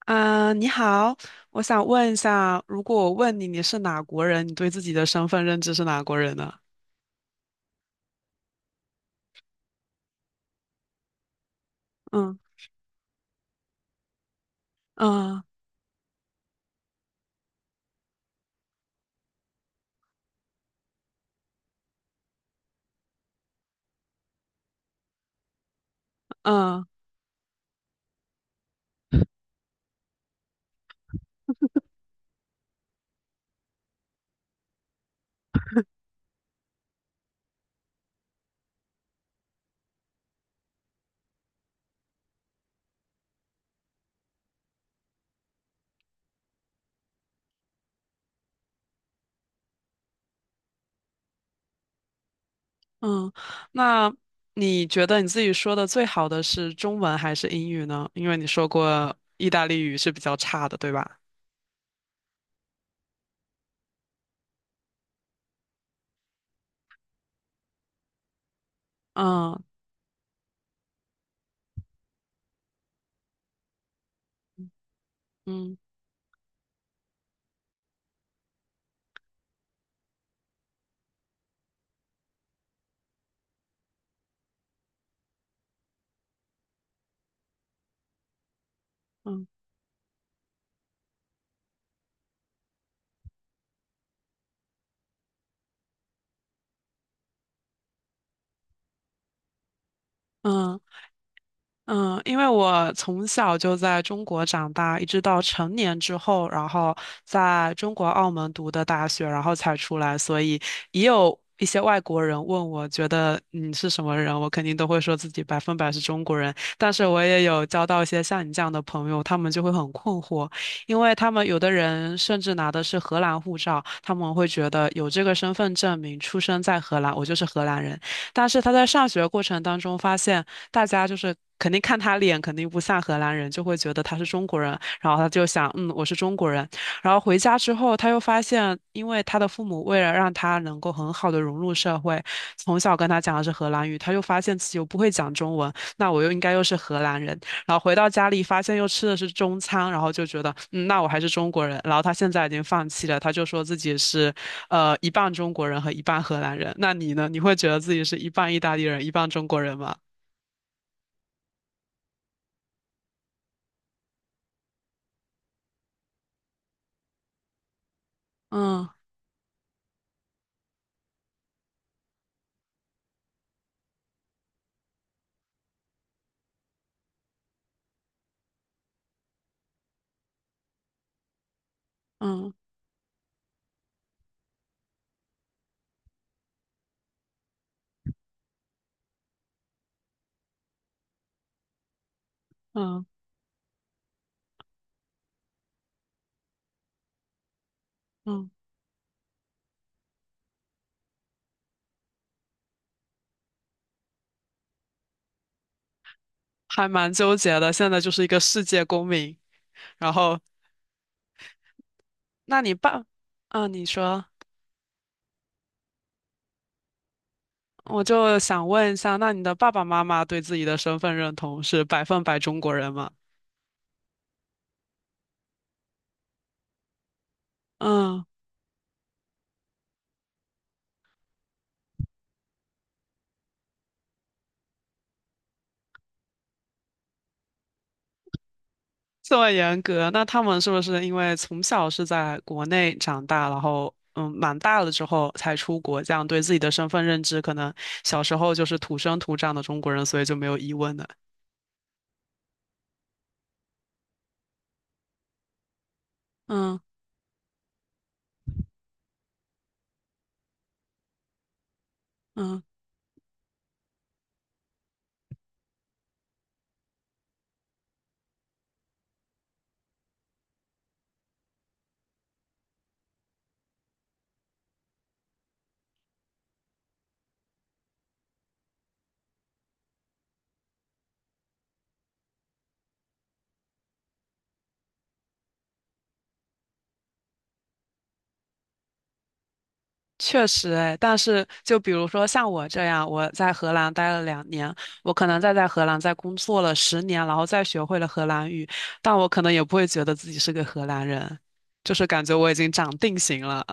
啊，你好，我想问一下，如果我问你你是哪国人，你对自己的身份认知是哪国人呢？嗯嗯嗯嗯。那你觉得你自己说的最好的是中文还是英语呢？因为你说过意大利语是比较差的，对吧？嗯嗯嗯嗯。嗯，因为我从小就在中国长大，一直到成年之后，然后在中国澳门读的大学，然后才出来，所以也有一些外国人问我，觉得你是什么人，我肯定都会说自己百分百是中国人。但是我也有交到一些像你这样的朋友，他们就会很困惑，因为他们有的人甚至拿的是荷兰护照，他们会觉得有这个身份证明，出生在荷兰，我就是荷兰人。但是他在上学过程当中发现。大家就是肯定看他脸，肯定不像荷兰人，就会觉得他是中国人，然后他就想，嗯，我是中国人。然后回家之后，他又发现，因为他的父母为了让他能够很好的融入社会，从小跟他讲的是荷兰语，他又发现自己又不会讲中文，那我又应该又是荷兰人。然后回到家里，发现又吃的是中餐，然后就觉得，嗯，那我还是中国人。然后他现在已经放弃了，他就说自己是，一半中国人和一半荷兰人。那你呢？你会觉得自己是一半意大利人，一半中国人吗？嗯。嗯嗯嗯。还蛮纠结的。现在就是一个世界公民。然后，那你爸，啊，你说，我就想问一下，那你的爸爸妈妈对自己的身份认同是百分百中国人吗？嗯，这么严格，那他们是不是因为从小是在国内长大，然后蛮大了之后才出国，这样对自己的身份认知，可能小时候就是土生土长的中国人，所以就没有疑问的。嗯嗯。确实哎，但是就比如说像我这样，我在荷兰待了2年，我可能再在荷兰再工作了十年，然后再学会了荷兰语，但我可能也不会觉得自己是个荷兰人，就是感觉我已经长定型了。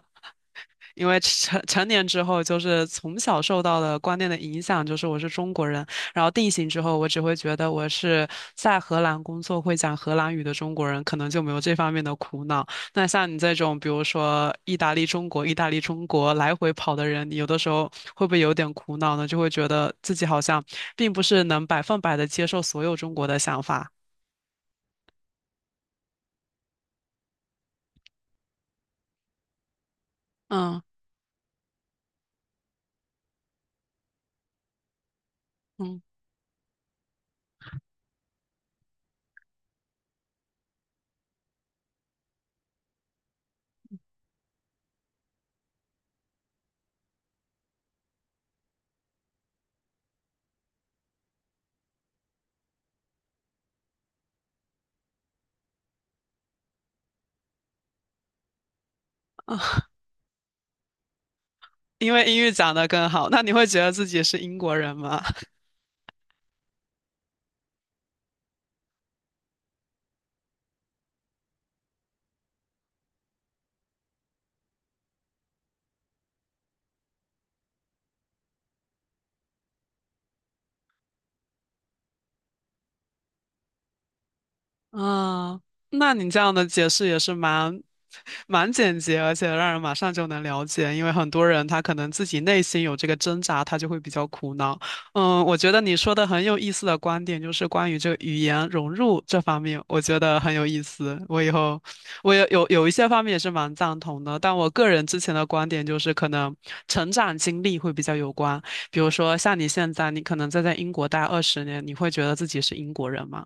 因为成年之后，就是从小受到的观念的影响，就是我是中国人。然后定型之后，我只会觉得我是在荷兰工作会讲荷兰语的中国人，可能就没有这方面的苦恼。那像你这种，比如说意大利、中国、意大利、中国来回跑的人，你有的时候会不会有点苦恼呢？就会觉得自己好像并不是能百分百的接受所有中国的想法。嗯嗯。因为英语讲的更好，那你会觉得自己是英国人吗？啊，那你这样的解释也是蛮简洁，而且让人马上就能了解。因为很多人他可能自己内心有这个挣扎，他就会比较苦恼。嗯，我觉得你说的很有意思的观点就是关于这个语言融入这方面，我觉得很有意思。我以后我也有一些方面也是蛮赞同的，但我个人之前的观点就是可能成长经历会比较有关。比如说像你现在，你可能再在英国待20年，你会觉得自己是英国人吗？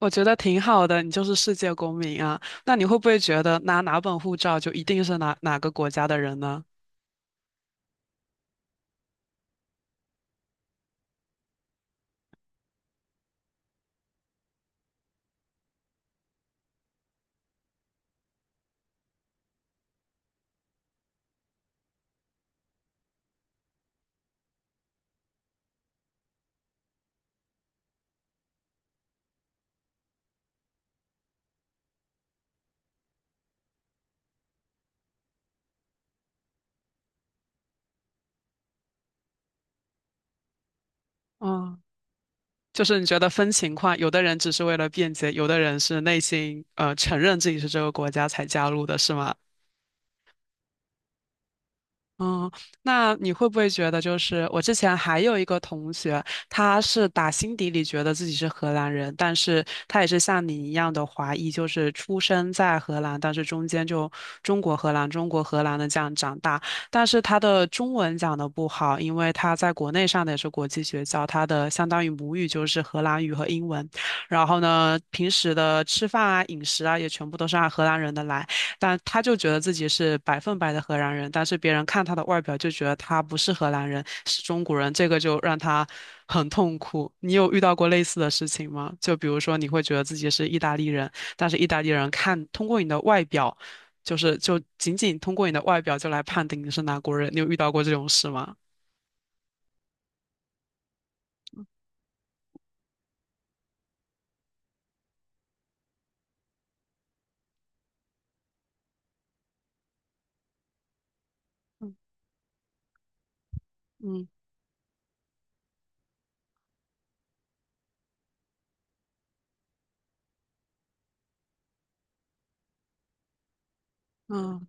我觉得挺好的，你就是世界公民啊。那你会不会觉得拿哪本护照就一定是哪个国家的人呢？嗯，就是你觉得分情况，有的人只是为了便捷，有的人是内心承认自己是这个国家才加入的，是吗？嗯，那你会不会觉得，就是我之前还有一个同学，他是打心底里觉得自己是荷兰人，但是他也是像你一样的华裔，就是出生在荷兰，但是中间就中国荷兰、中国荷兰的这样长大，但是他的中文讲的不好，因为他在国内上的也是国际学校，他的相当于母语就是荷兰语和英文，然后呢，平时的吃饭啊、饮食啊也全部都是按荷兰人的来。但他就觉得自己是百分百的荷兰人，但是别人看他的外表就觉得他不是荷兰人，是中国人，这个就让他很痛苦。你有遇到过类似的事情吗？就比如说你会觉得自己是意大利人，但是意大利人看通过你的外表，就是就仅仅通过你的外表就来判定你是哪国人，你有遇到过这种事吗？嗯嗯。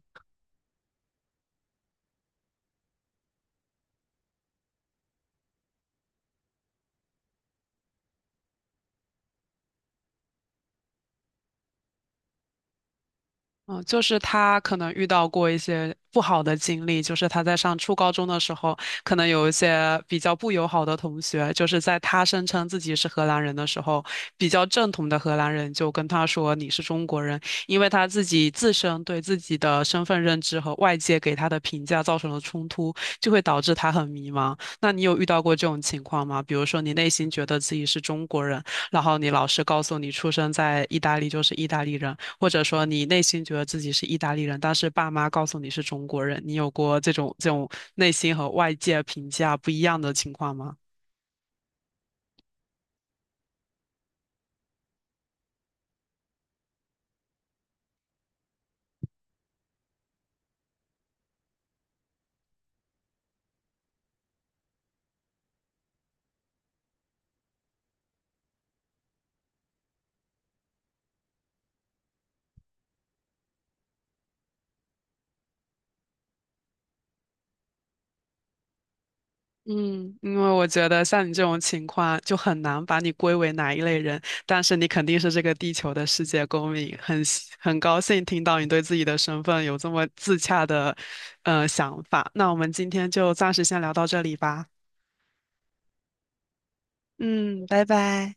嗯，就是他可能遇到过一些不好的经历，就是他在上初高中的时候，可能有一些比较不友好的同学，就是在他声称自己是荷兰人的时候，比较正统的荷兰人就跟他说你是中国人，因为他自己自身对自己的身份认知和外界给他的评价造成了冲突，就会导致他很迷茫。那你有遇到过这种情况吗？比如说你内心觉得自己是中国人，然后你老师告诉你出生在意大利就是意大利人。或者说你内心觉得自己是意大利人，但是爸妈告诉你是中国人，你有过这种内心和外界评价不一样的情况吗？嗯，因为我觉得像你这种情况就很难把你归为哪一类人，但是你肯定是这个地球的世界公民，很高兴听到你对自己的身份有这么自洽的想法。那我们今天就暂时先聊到这里吧。嗯，拜拜。